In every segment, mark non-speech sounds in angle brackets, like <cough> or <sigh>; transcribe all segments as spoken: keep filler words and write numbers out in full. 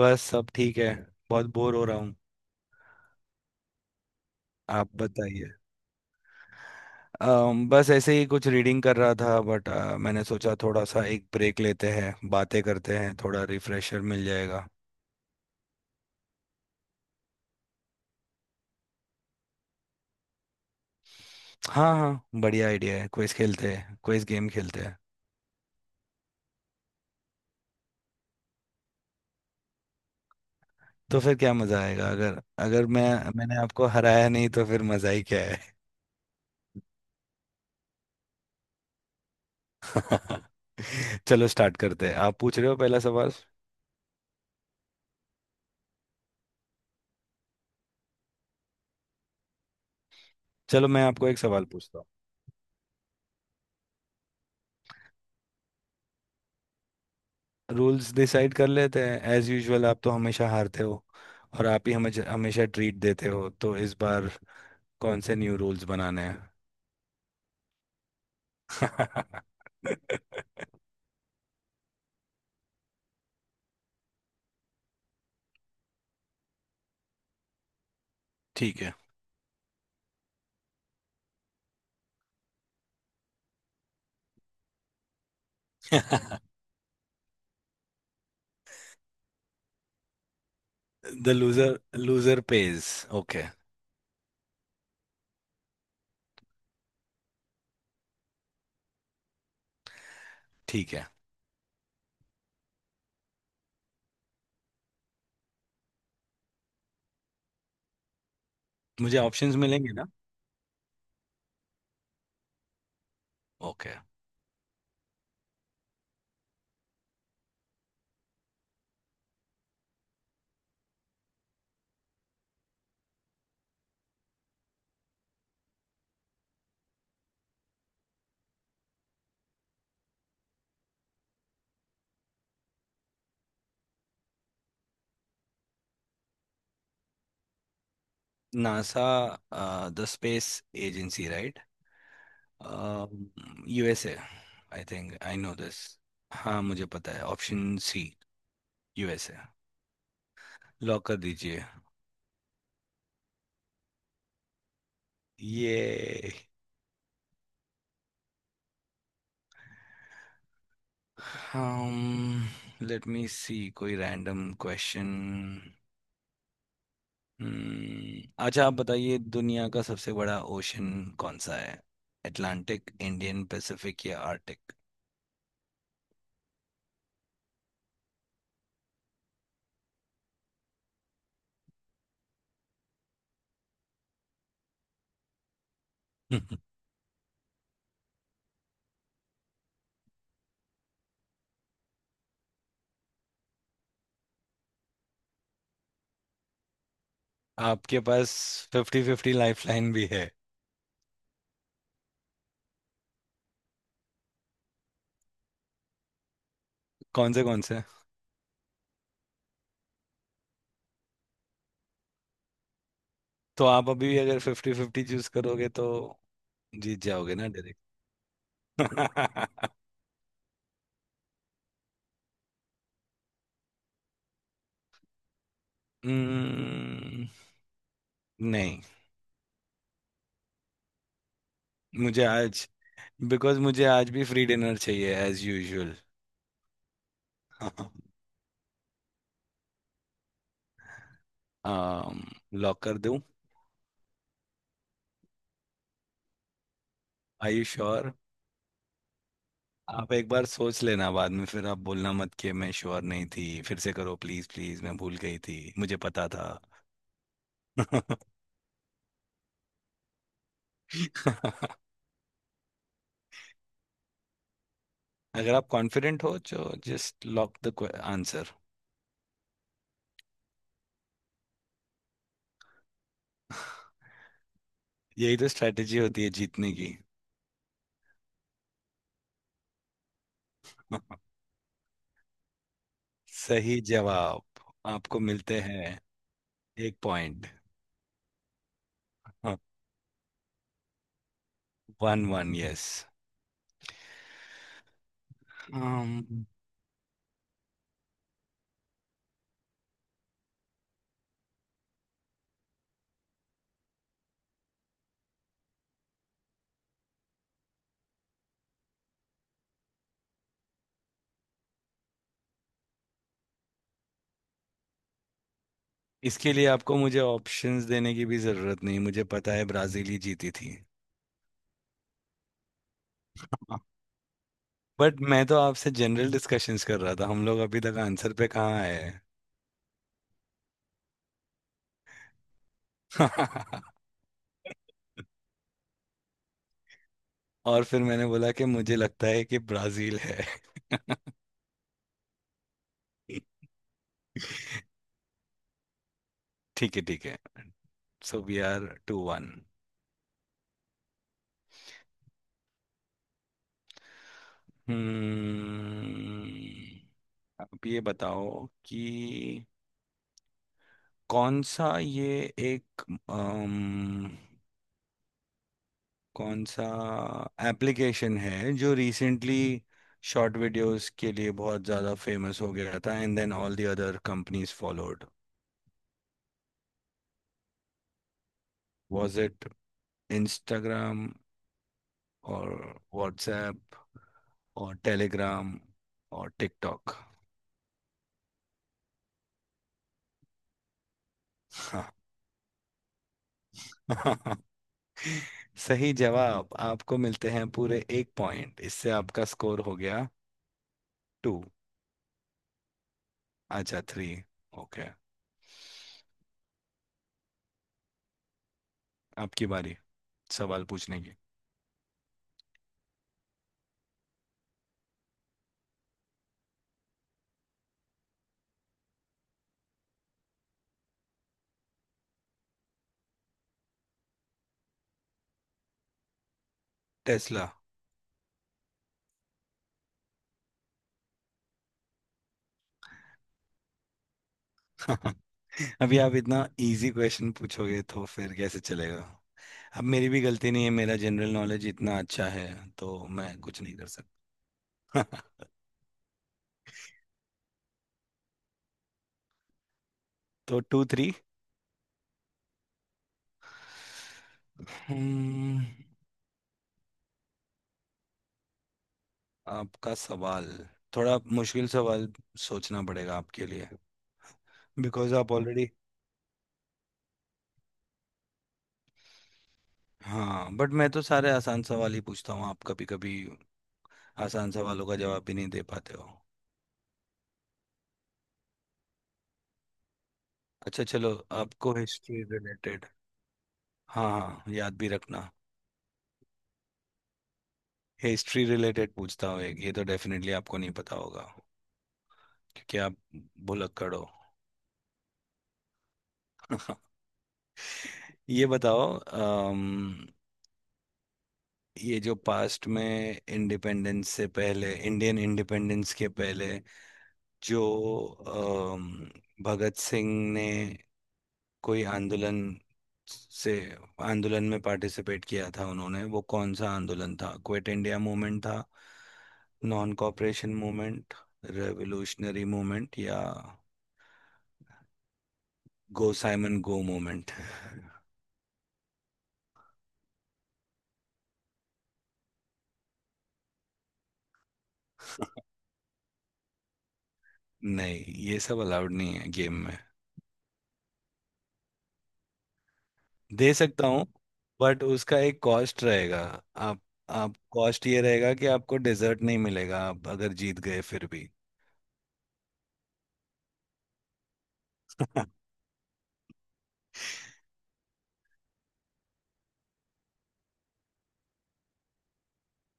बस सब ठीक है। बहुत बोर हो रहा हूँ। आप बताइए। अम, बस ऐसे ही कुछ रीडिंग कर रहा था बट मैंने सोचा थोड़ा सा एक ब्रेक लेते हैं, बातें करते हैं, थोड़ा रिफ्रेशर मिल जाएगा। हाँ हाँ, बढ़िया आइडिया है, क्विज खेलते हैं, क्विज गेम खेलते हैं। तो फिर क्या मजा आएगा, अगर अगर मैं, मैंने आपको हराया नहीं तो फिर मजा ही क्या है। <laughs> चलो स्टार्ट करते हैं, आप पूछ रहे हो पहला सवाल। चलो मैं आपको एक सवाल पूछता हूँ। रूल्स डिसाइड कर लेते हैं, एज यूजुअल आप तो हमेशा हारते हो और आप ही हमें हमेशा ट्रीट देते हो, तो इस बार कौन से न्यू रूल्स बनाने हैं। <laughs> ठीक है। <laughs> The loser loser pays. Okay. ठीक है। मुझे ऑप्शंस मिलेंगे ना? Okay. NASA the space agency, right. U S A. I think I know this. हाँ मुझे पता है, option C, U S A. Lock कर दीजिए। ये। um लेट मी सी, कोई रैंडम क्वेश्चन। अच्छा आप बताइए, दुनिया का सबसे बड़ा ओशन कौन सा है? अटलांटिक, इंडियन, पैसिफिक या आर्टिक? <laughs> आपके पास फिफ्टी फिफ्टी लाइफलाइन भी है। कौन से कौन से? तो आप अभी भी अगर फिफ्टी फिफ्टी चूज करोगे तो जीत जाओगे ना डायरेक्ट? <laughs> हम्म, नहीं। मुझे आज, बिकॉज मुझे आज भी फ्री डिनर चाहिए एज यूजुअल। <laughs> लॉक कर दूं? Are you sure? आप एक बार सोच लेना, बाद में फिर आप बोलना मत कि मैं श्योर नहीं थी, फिर से करो प्लीज प्लीज, मैं भूल गई थी, मुझे पता था। <laughs> अगर आप कॉन्फिडेंट हो तो जस्ट लॉक द आंसर। यही तो स्ट्रेटेजी होती है जीतने की। <laughs> सही जवाब। आपको मिलते हैं एक point. One one, yes. um, इसके लिए आपको मुझे ऑप्शंस देने की भी जरूरत नहीं, मुझे पता है ब्राजील ही जीती थी। बट मैं तो आपसे जनरल डिस्कशंस कर रहा था, हम लोग अभी तक आंसर पे कहाँ आए? हैं। <laughs> और फिर मैंने बोला कि मुझे लगता है कि ब्राजील है। <laughs> ठीक है ठीक है। So we are two one. हम्म। अब ये बताओ कि कौन सा ये एक, अम, कौन सा एप्लीकेशन है जो रिसेंटली शॉर्ट वीडियोस के लिए बहुत ज़्यादा फेमस हो गया था, and then all the other companies followed. Was it Instagram और व्हाट्सएप और टेलीग्राम और टिकटॉक? हाँ। <laughs> सही जवाब। आपको मिलते हैं पूरे एक पॉइंट। इससे आपका स्कोर हो गया टू। अच्छा थ्री। ओके। आपकी बारी सवाल पूछने की। टेस्ला। <laughs> अभी आप इतना इजी क्वेश्चन पूछोगे तो फिर कैसे चलेगा। अब मेरी भी गलती नहीं है, मेरा जनरल नॉलेज इतना अच्छा है तो मैं कुछ नहीं कर सकता। <laughs> तो टू थ्री। आपका सवाल। थोड़ा मुश्किल सवाल, सोचना पड़ेगा आपके लिए, बिकॉज आप ऑलरेडी। हाँ बट मैं तो सारे आसान सवाल ही पूछता हूँ, आप कभी कभी आसान सवालों का जवाब भी नहीं दे पाते हो। अच्छा चलो, आपको हिस्ट्री रिलेटेड। हाँ हाँ, याद भी रखना। हिस्ट्री रिलेटेड पूछता हूँ एक, ये तो डेफिनेटली आपको नहीं पता होगा क्योंकि आप भुलक्कड़ हो। <laughs> ये बताओ, अम, ये जो पास्ट में इंडिपेंडेंस से पहले, इंडियन इंडिपेंडेंस के पहले, जो अम, भगत सिंह ने कोई आंदोलन से आंदोलन में पार्टिसिपेट किया था, उन्होंने वो कौन सा आंदोलन था? क्विट इंडिया मूवमेंट था, non cooperation movement, revolutionary movement या गो साइमन गो मूवमेंट। नहीं, ये सब अलाउड नहीं है गेम में। दे सकता हूँ बट उसका एक कॉस्ट रहेगा। आप आप कॉस्ट ये रहेगा कि आपको डिजर्ट नहीं मिलेगा, आप अगर जीत गए फिर भी। <laughs>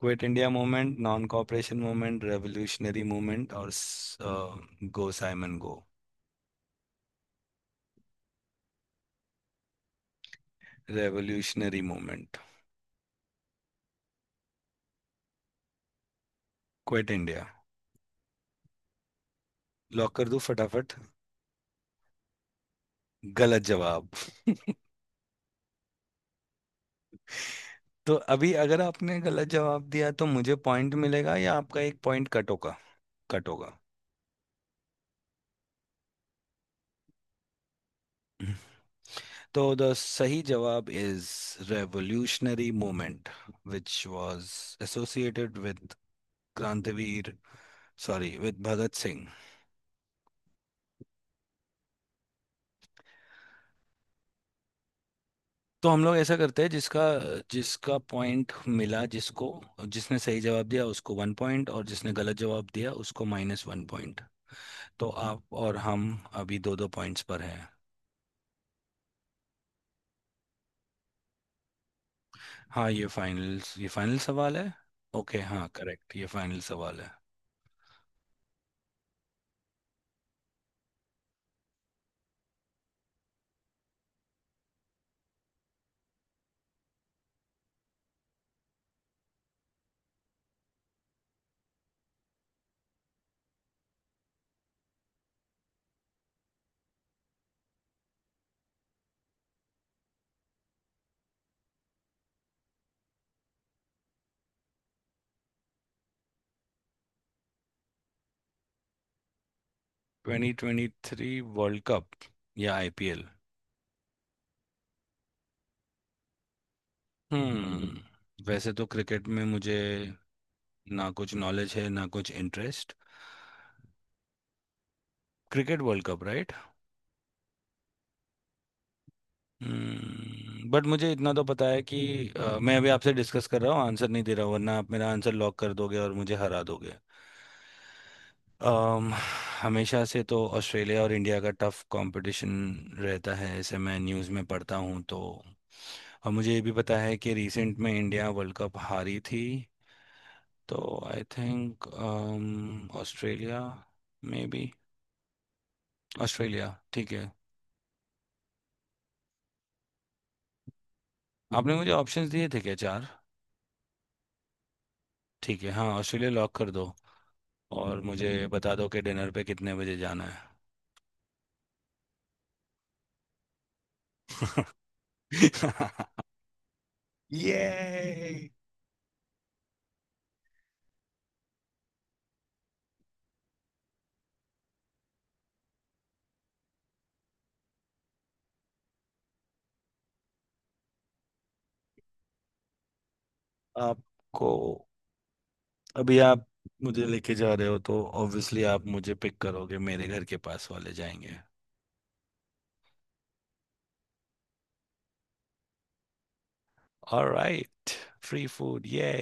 Quit India movement, non cooperation movement, revolutionary movement और go Simon go. Revolutionary movement. Quit India. Lock कर दूं फटाफट? गलत जवाब। तो अभी अगर आपने गलत जवाब दिया तो मुझे पॉइंट मिलेगा या आपका एक पॉइंट कट होगा? कट होगा। तो द सही जवाब is revolutionary movement, which was associated with क्रांतिवीर, सॉरी विद भगत सिंह। तो हम लोग ऐसा करते हैं, जिसका जिसका पॉइंट मिला, जिसको जिसने सही जवाब दिया उसको वन पॉइंट और जिसने गलत जवाब दिया उसको माइनस वन पॉइंट। तो आप और हम अभी दो दो पॉइंट्स पर हैं। हाँ, ये फाइनल ये फाइनल सवाल है। ओके, हाँ करेक्ट, ये फाइनल सवाल है। Twenty twenty three world cup या आई पी एल? हम्म वैसे तो क्रिकेट में मुझे ना कुछ नॉलेज है ना कुछ इंटरेस्ट। Cricket world cup. हम्म बट मुझे इतना तो पता है कि अ, मैं अभी आपसे डिस्कस कर रहा हूँ, आंसर नहीं दे रहा हूँ, वरना आप मेरा आंसर लॉक कर दोगे और मुझे हरा दोगे। अम, हमेशा से तो ऑस्ट्रेलिया और इंडिया का टफ कंपटीशन रहता है ऐसे, मैं न्यूज़ में पढ़ता हूँ तो। और मुझे ये भी पता है कि रिसेंट में इंडिया वर्ल्ड कप हारी थी, तो I think Australia, maybe Australia, ठीक है। आपने मुझे ऑप्शंस दिए थे क्या, चार? ठीक है, हाँ ऑस्ट्रेलिया लॉक कर दो और मुझे बता दो कि डिनर पे कितने बजे जाना है। <laughs> ये। आपको, अभी आप मुझे लेके जा रहे हो तो ऑब्वियसली आप मुझे पिक करोगे, मेरे घर के पास वाले जाएंगे। ऑलराइट। Free food. ये।